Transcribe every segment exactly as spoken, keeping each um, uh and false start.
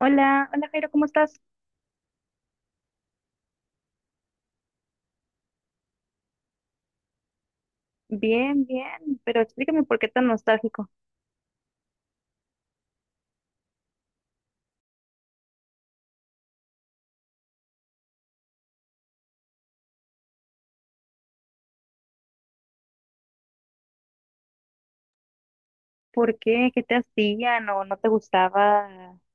Hola, hola Jairo, ¿cómo estás? Bien, bien, pero explícame por qué tan nostálgico. ¿Por qué? ¿Qué te hacían o no te gustaba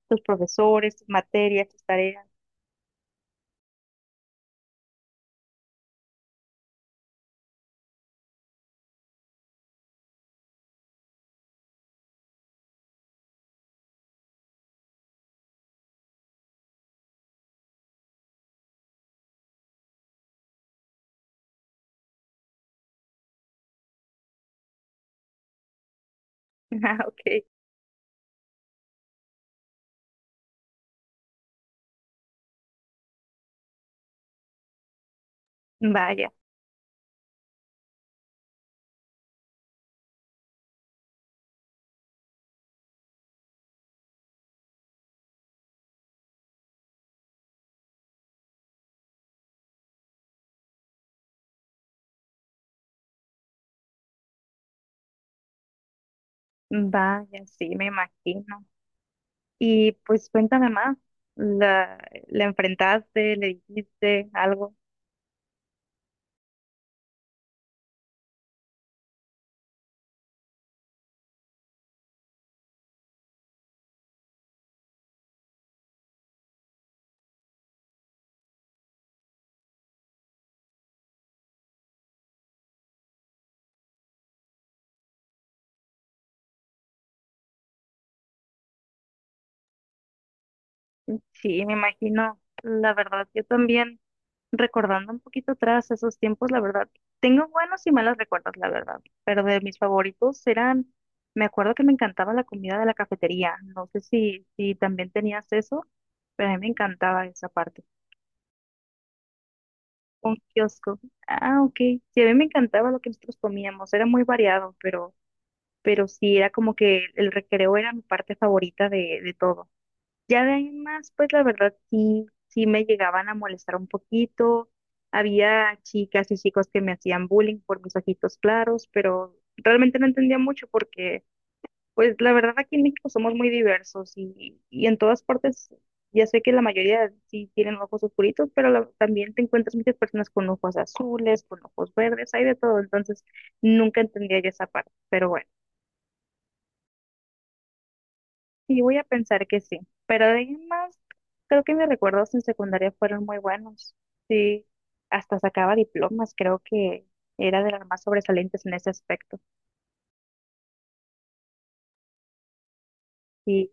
tus profesores, tus materias, tus tareas? Ah, ok. Vaya, vaya, sí, me imagino. Y pues cuéntame más. ¿La, la enfrentaste? ¿Le dijiste algo? Sí, me imagino. La verdad, yo también. Recordando un poquito atrás esos tiempos, la verdad, tengo buenos y malos recuerdos, la verdad, pero de mis favoritos eran, me acuerdo que me encantaba la comida de la cafetería, no sé si, si también tenías eso, pero a mí me encantaba esa parte, un kiosco, ah, ok, sí, a mí me encantaba lo que nosotros comíamos, era muy variado, pero, pero sí, era como que el recreo era mi parte favorita de, de todo. Ya de ahí en más, pues la verdad sí, sí me llegaban a molestar un poquito. Había chicas y chicos que me hacían bullying por mis ojitos claros, pero realmente no entendía mucho porque, pues la verdad aquí en México somos muy diversos y, y en todas partes, ya sé que la mayoría sí tienen ojos oscuritos, pero la- también te encuentras muchas personas con ojos azules, con ojos verdes, hay de todo, entonces nunca entendía yo esa parte, pero bueno. Sí, voy a pensar que sí, pero de ahí en más, creo que mis recuerdos en secundaria fueron muy buenos. Sí, hasta sacaba diplomas, creo que era de las más sobresalientes en ese aspecto. Y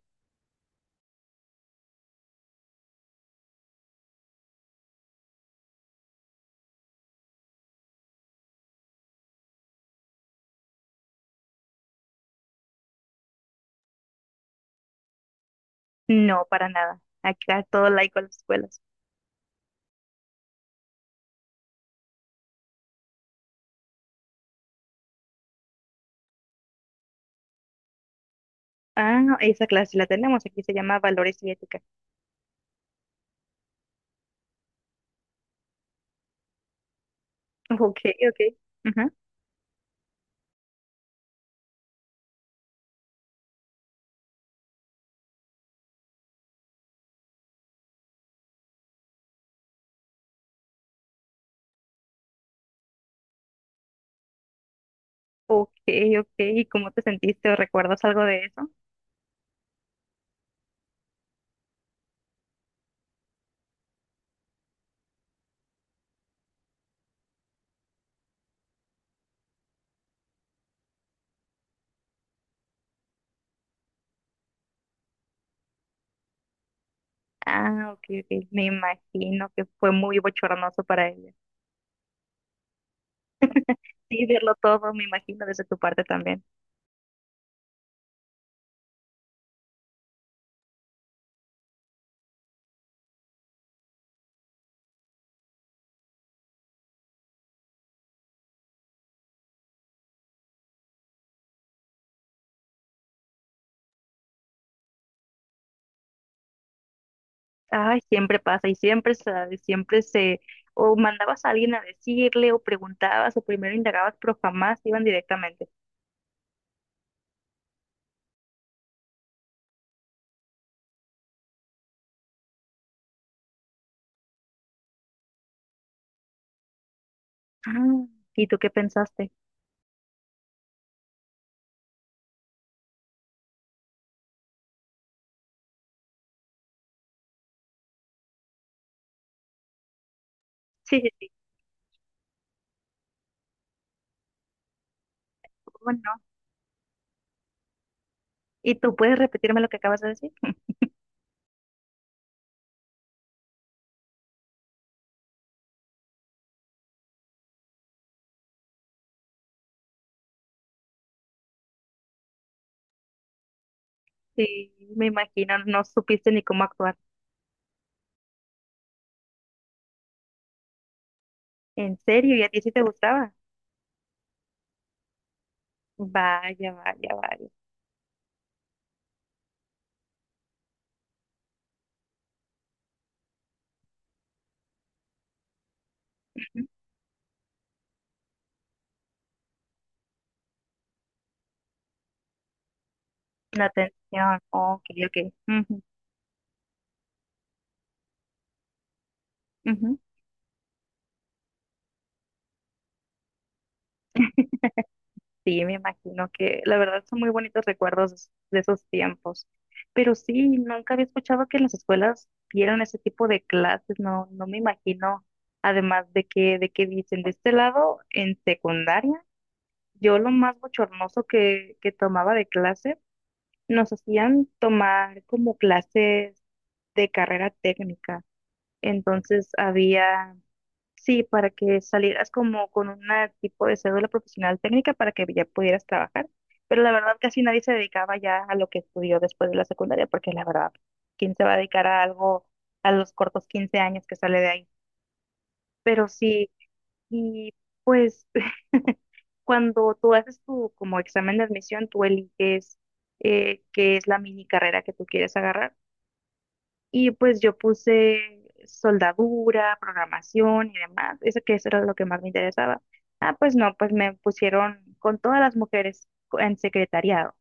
no, para nada. Acá todo laico a las escuelas. Ah, no, esa clase la tenemos, aquí se llama Valores y Ética. Ok, ok. Ajá. Ok, ok. ¿Y cómo te sentiste o recuerdas algo de eso? Ah, ok, ok. Me imagino que fue muy bochornoso para ella. Sí, verlo todo, me imagino, desde tu parte también. Ay, siempre pasa y siempre se, siempre se, o mandabas a alguien a decirle, o preguntabas, o primero indagabas, pero jamás iban directamente. Ah, ¿y tú qué pensaste? Sí, sí, sí, ¿cómo no? ¿Y tú puedes repetirme lo que acabas de decir? Sí, me imagino, no supiste ni cómo actuar. ¿En serio? ¿Y a ti sí te gustaba? Vaya, vaya, vaya. Ujú. La atención. Ok, ok. Ujú, ujú. Sí, me imagino que la verdad son muy bonitos recuerdos es- de esos tiempos. Pero sí, nunca había escuchado que en las escuelas dieran ese tipo de clases, no, no me imagino. Además de que, de que dicen, de este lado, en secundaria, yo lo más bochornoso que, que tomaba de clase, nos hacían tomar como clases de carrera técnica. Entonces había, sí, para que salieras como con un tipo de cédula profesional técnica para que ya pudieras trabajar. Pero la verdad casi nadie se dedicaba ya a lo que estudió después de la secundaria, porque la verdad, ¿quién se va a dedicar a algo a los cortos quince años que sale de ahí? Pero sí, y pues cuando tú haces tu como examen de admisión, tú eliges eh, qué es la mini carrera que tú quieres agarrar. Y pues yo puse soldadura, programación y demás, eso que eso era lo que más me interesaba. Ah, pues no, pues me pusieron con todas las mujeres co- en secretariado.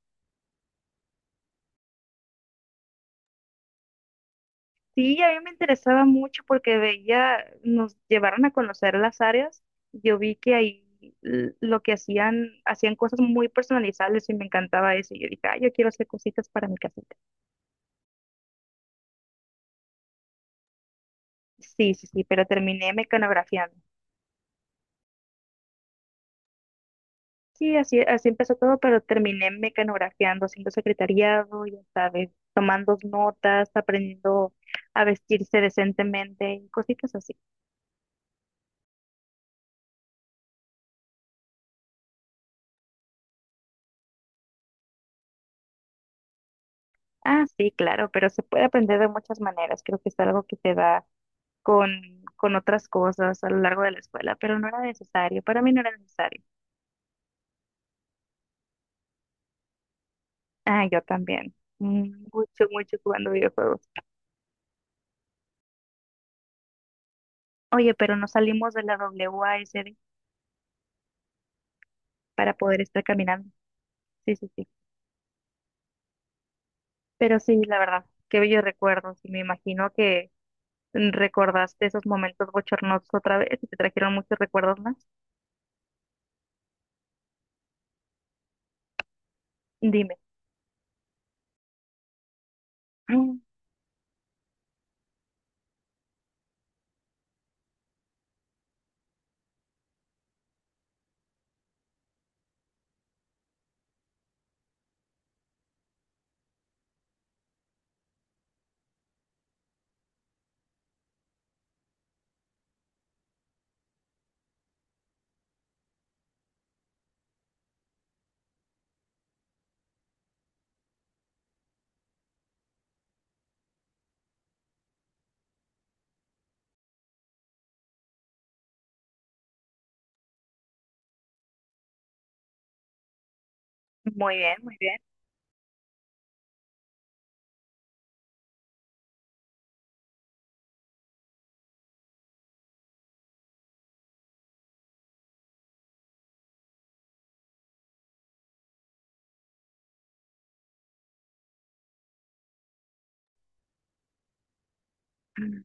Sí, a mí me interesaba mucho porque veía, nos llevaron a conocer las áreas. Yo vi que ahí l- lo que hacían, hacían cosas muy personalizables y me encantaba eso. Y yo dije, ah, yo quiero hacer cositas para mi casita. Sí, sí, sí, pero terminé mecanografiando. Sí, así, así empezó todo, pero terminé mecanografiando, haciendo secretariado, ya sabes, tomando notas, aprendiendo a vestirse decentemente y cositas así. Ah, sí, claro, pero se puede aprender de muchas maneras. Creo que es algo que te da con, con otras cosas a lo largo de la escuela, pero no era necesario. Para mí no era necesario. Ah, yo también. Mm, mucho, mucho jugando videojuegos. Oye, pero no salimos de la W A S D para poder estar caminando. Sí, sí, sí. Pero sí, la verdad, qué bellos recuerdos. Y me imagino que recordaste esos momentos bochornosos otra vez y te trajeron muchos recuerdos más. Dime. Mm, muy bien, muy bien. Mm.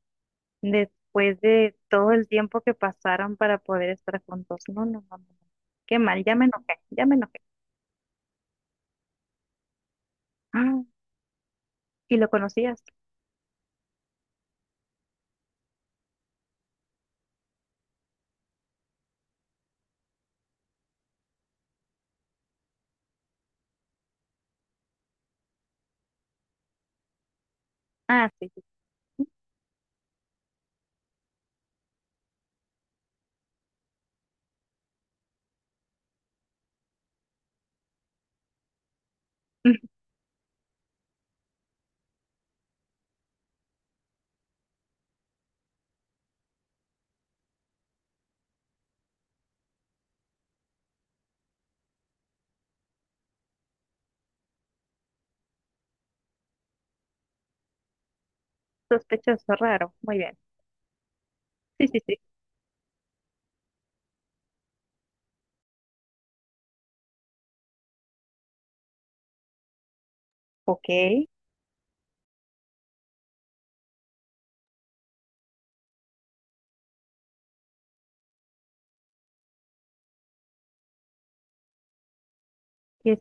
Después de todo el tiempo que pasaron para poder estar juntos. No, no, no, no. No. Qué mal, ya me enojé, ya me enojé. Ah, ¿y lo conocías? Ah, sí, sí. Sospechoso, raro. Muy bien. Sí, sí, sí. Ok. ¿Qué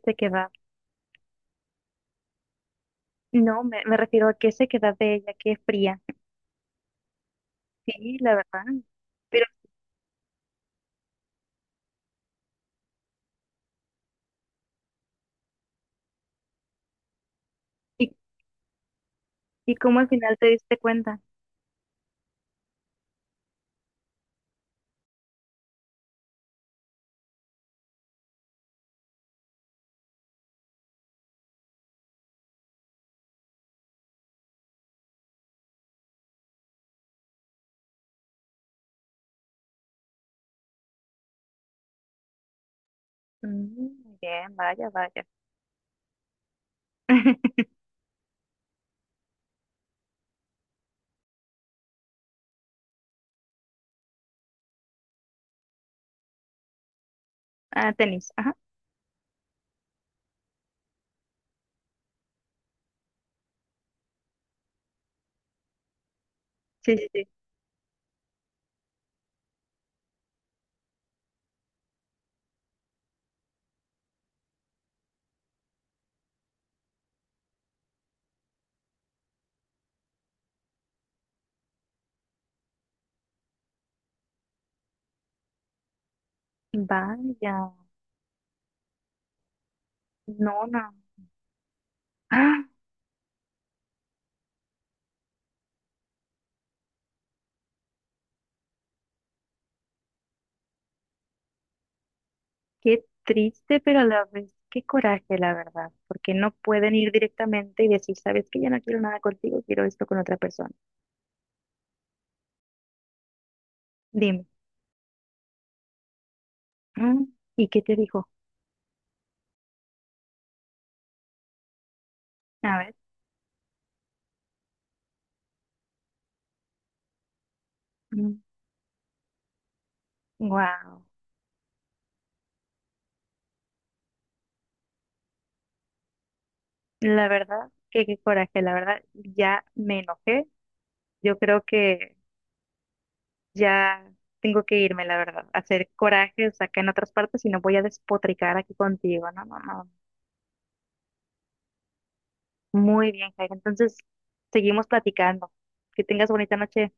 sequedad? No, me, me refiero a qué sequedad de ella, qué fría. Sí, la verdad. Pero, ¿y ¿Y cómo al final te diste cuenta? Mm, bien, vaya, vaya. Ah, tenis, ajá. Sí, sí, sí. Vaya, no, no. Ah, qué triste, pero a la vez, qué coraje, la verdad, porque no pueden ir directamente y decir, sabes que ya no quiero nada contigo, quiero esto con otra persona. Dime. Mm, ¿y qué te dijo? A ver, wow. La verdad, que qué coraje, la verdad, ya me enojé. Yo creo que ya tengo que irme, la verdad, a hacer corajes acá en otras partes y no voy a despotricar aquí contigo. No, no, no. Muy bien, Jair. Entonces, seguimos platicando. Que tengas bonita noche.